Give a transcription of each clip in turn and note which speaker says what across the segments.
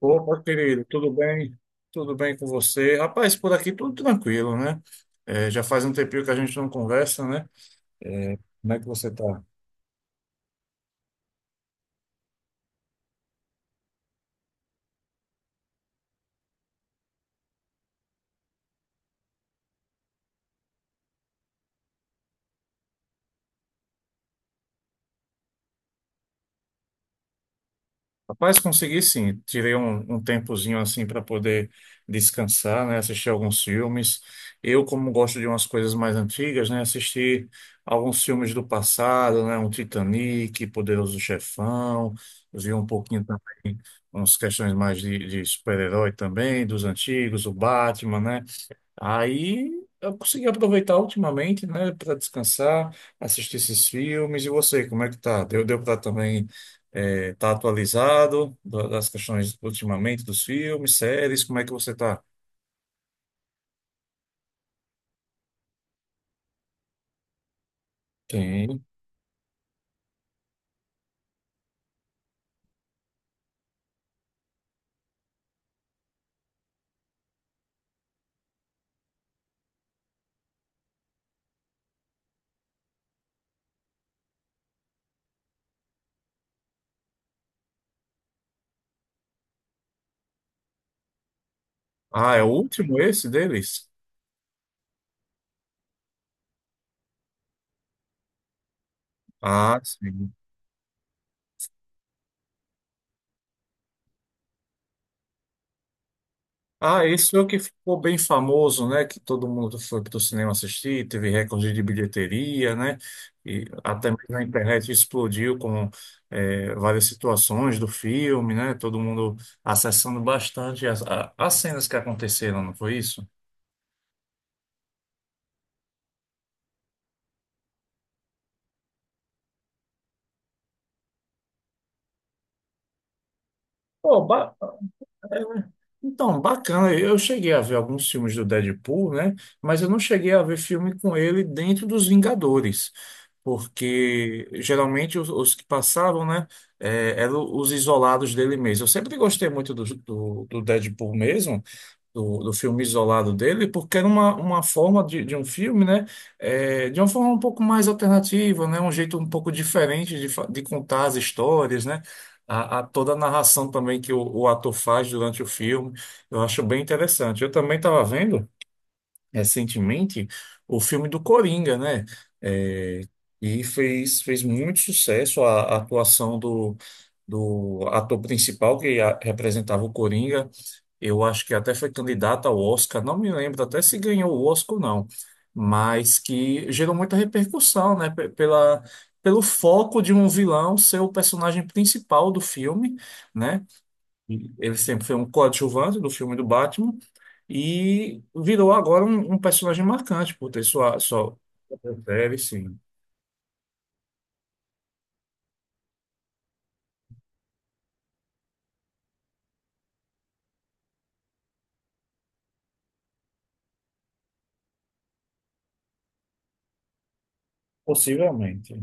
Speaker 1: Opa, querido, tudo bem? Tudo bem com você? Rapaz, por aqui tudo tranquilo, né? É, já faz um tempinho que a gente não conversa, né? É, como é que você tá? Rapaz, consegui sim. Tirei um tempozinho assim para poder descansar, né? Assistir alguns filmes. Eu, como gosto de umas coisas mais antigas, né? Assisti alguns filmes do passado, né? Um Titanic, Poderoso Chefão. Vi um pouquinho também umas questões mais de super-herói também, dos antigos, o Batman, né? Aí eu consegui aproveitar ultimamente, né, para descansar, assistir esses filmes. E você, como é que tá? Deu para também tá atualizado das questões ultimamente dos filmes, séries? Como é que você tá? Tem. Ah, é o último esse deles? Ah, sim. Ah, esse foi o que ficou bem famoso, né? Que todo mundo foi para o cinema assistir, teve recorde de bilheteria, né? E até mesmo na internet explodiu com várias situações do filme, né? Todo mundo acessando bastante as cenas que aconteceram, não foi isso? Pô. É. Então, bacana. Eu cheguei a ver alguns filmes do Deadpool, né? Mas eu não cheguei a ver filme com ele dentro dos Vingadores, porque geralmente os que passavam, né, eram os isolados dele mesmo. Eu sempre gostei muito do Deadpool mesmo, do filme isolado dele, porque era uma forma de um filme, né? É, de uma forma um pouco mais alternativa, né? Um jeito um pouco diferente de, de contar as histórias, né? A toda a narração também que o ator faz durante o filme, eu acho bem interessante. Eu também estava vendo recentemente o filme do Coringa, né? É, e fez muito sucesso a atuação do ator principal que representava o Coringa. Eu acho que até foi candidato ao Oscar, não me lembro até se ganhou o Oscar ou não, mas que gerou muita repercussão, né? Pelo foco de um vilão ser o personagem principal do filme, né? Ele sempre foi um coadjuvante do filme do Batman e virou agora um personagem marcante por ter sua... Deve, sim. Possivelmente.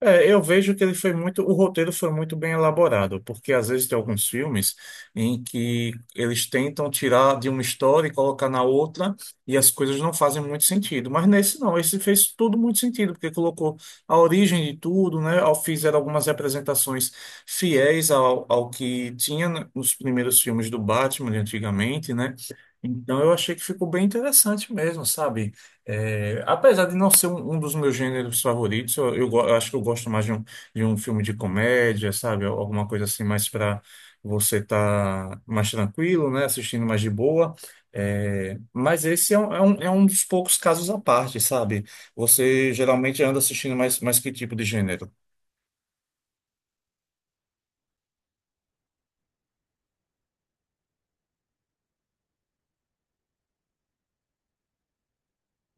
Speaker 1: É, eu vejo que ele foi muito, o roteiro foi muito bem elaborado, porque às vezes tem alguns filmes em que eles tentam tirar de uma história e colocar na outra, e as coisas não fazem muito sentido. Mas nesse não, esse fez tudo muito sentido, porque colocou a origem de tudo, né? Fizeram algumas representações fiéis ao que tinha nos primeiros filmes do Batman de antigamente, né? Então eu achei que ficou bem interessante mesmo, sabe? É, apesar de não ser um dos meus gêneros favoritos, eu acho que eu gosto mais de um filme de comédia, sabe? Alguma coisa assim, mais para você estar mais tranquilo, né? Assistindo mais de boa. É, mas esse é é um dos poucos casos à parte, sabe? Você geralmente anda assistindo mais que tipo de gênero?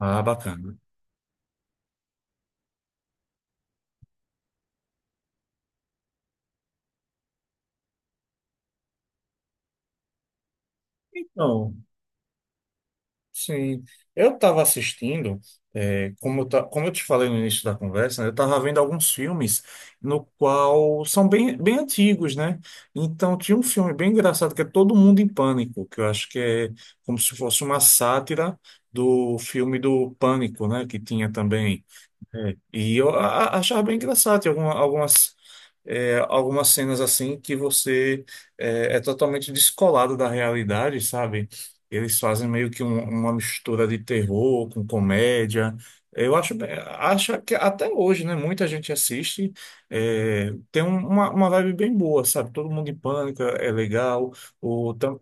Speaker 1: Ah, bacana. Então. Sim, eu estava assistindo, como eu te falei no início da conversa, né, eu estava vendo alguns filmes no qual são bem antigos, né? Então tinha um filme bem engraçado que é Todo Mundo em Pânico, que eu acho que é como se fosse uma sátira do filme do Pânico, né? Que tinha também e eu achava bem engraçado, tem algumas, algumas cenas assim que é totalmente descolado da realidade, sabe? Eles fazem meio que uma mistura de terror com comédia. Eu acho, acho que até hoje, né? Muita gente assiste, é, tem uma vibe bem boa, sabe? Todo mundo em pânico, é legal. o tam-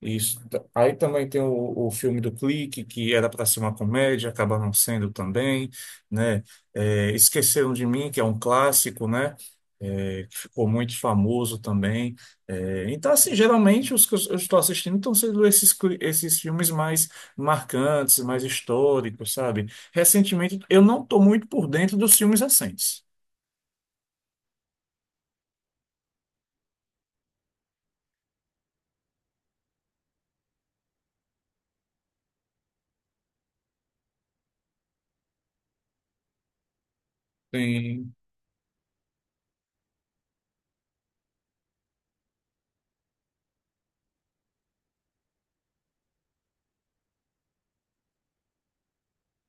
Speaker 1: isso. Aí também tem o filme do Clique, que era para ser uma comédia, acaba não sendo também, né? É, Esqueceram de Mim, que é um clássico, né? É, que ficou muito famoso também. É, então, assim, geralmente os que eu estou assistindo estão sendo esses, esses filmes mais marcantes, mais históricos, sabe? Recentemente, eu não estou muito por dentro dos filmes recentes. Sim,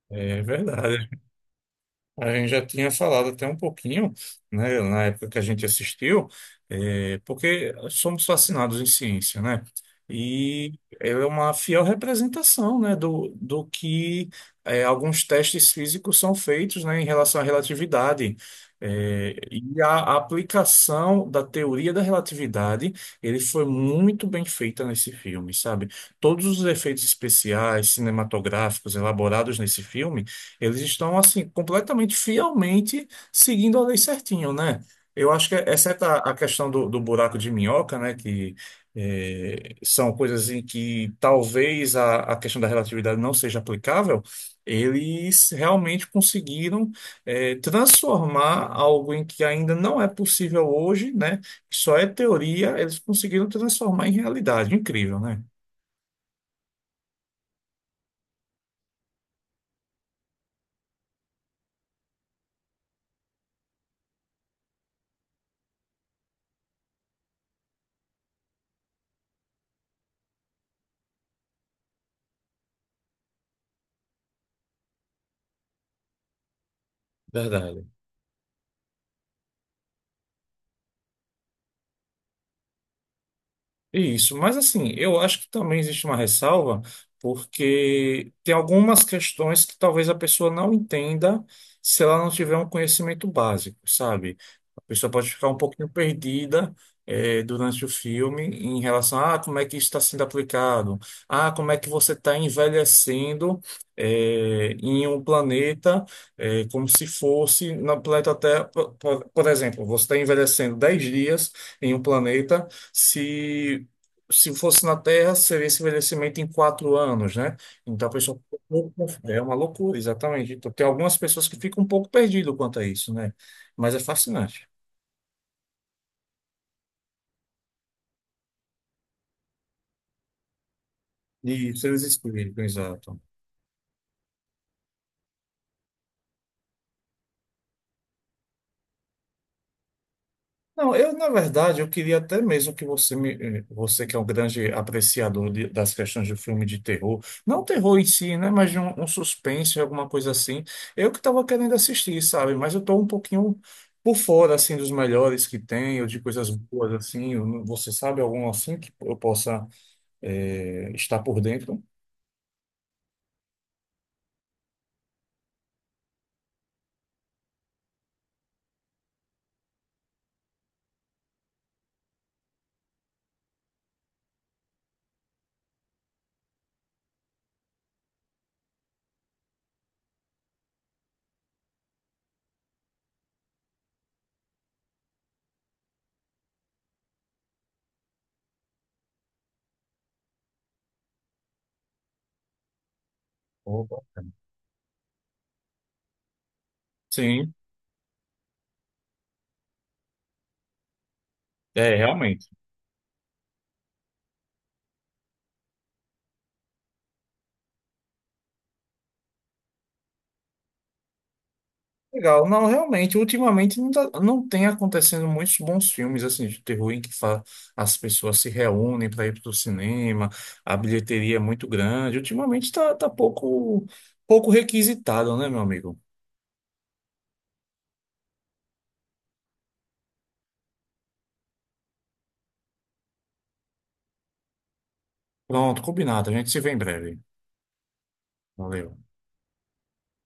Speaker 1: é verdade. A gente já tinha falado até um pouquinho, né, na época que a gente assistiu, porque somos fascinados em ciência, né? E ela é uma fiel representação, né, do que alguns testes físicos são feitos, né, em relação à relatividade. E a aplicação da teoria da relatividade, ele foi muito bem feita nesse filme, sabe? Todos os efeitos especiais, cinematográficos elaborados nesse filme eles estão, assim, completamente, fielmente seguindo a lei certinho, né? Eu acho que, exceto a questão do buraco de minhoca, né, que são coisas em que talvez a questão da relatividade não seja aplicável, eles realmente conseguiram transformar algo em que ainda não é possível hoje, né, que só é teoria, eles conseguiram transformar em realidade. Incrível, né? Verdade. Isso, mas assim, eu acho que também existe uma ressalva, porque tem algumas questões que talvez a pessoa não entenda se ela não tiver um conhecimento básico, sabe? A pessoa pode ficar um pouquinho perdida, durante o filme em relação a ah, como é que isso está sendo aplicado, ah, como é que você está envelhecendo, em um planeta, como se fosse na planeta Terra, por exemplo, você está envelhecendo 10 dias em um planeta. Se se fosse na Terra, seria esse envelhecimento em 4 anos, né? Então a pessoa fica um pouco é uma loucura, exatamente. Então, tem algumas pessoas que ficam um pouco perdidas quanto a isso, né? Mas é fascinante. E isso eles explicam, exato. Não, eu, na verdade, eu queria até mesmo que você que é um grande apreciador das questões de filme de terror, não terror em si, né, mas de um suspense, alguma coisa assim. Eu que estava querendo assistir, sabe? Mas eu estou um pouquinho por fora, assim, dos melhores que tem, ou de coisas boas, assim. Eu não- Você sabe algum assim que eu possa, estar por dentro? Opa. Sim, é, realmente. Legal. Não, realmente, ultimamente não, não tem acontecendo muitos bons filmes assim de terror em que as pessoas se reúnem para ir para o cinema, a bilheteria é muito grande. Ultimamente está tá tá pouco, pouco requisitado, né, meu amigo? Pronto, combinado. A gente se vê em breve. Valeu.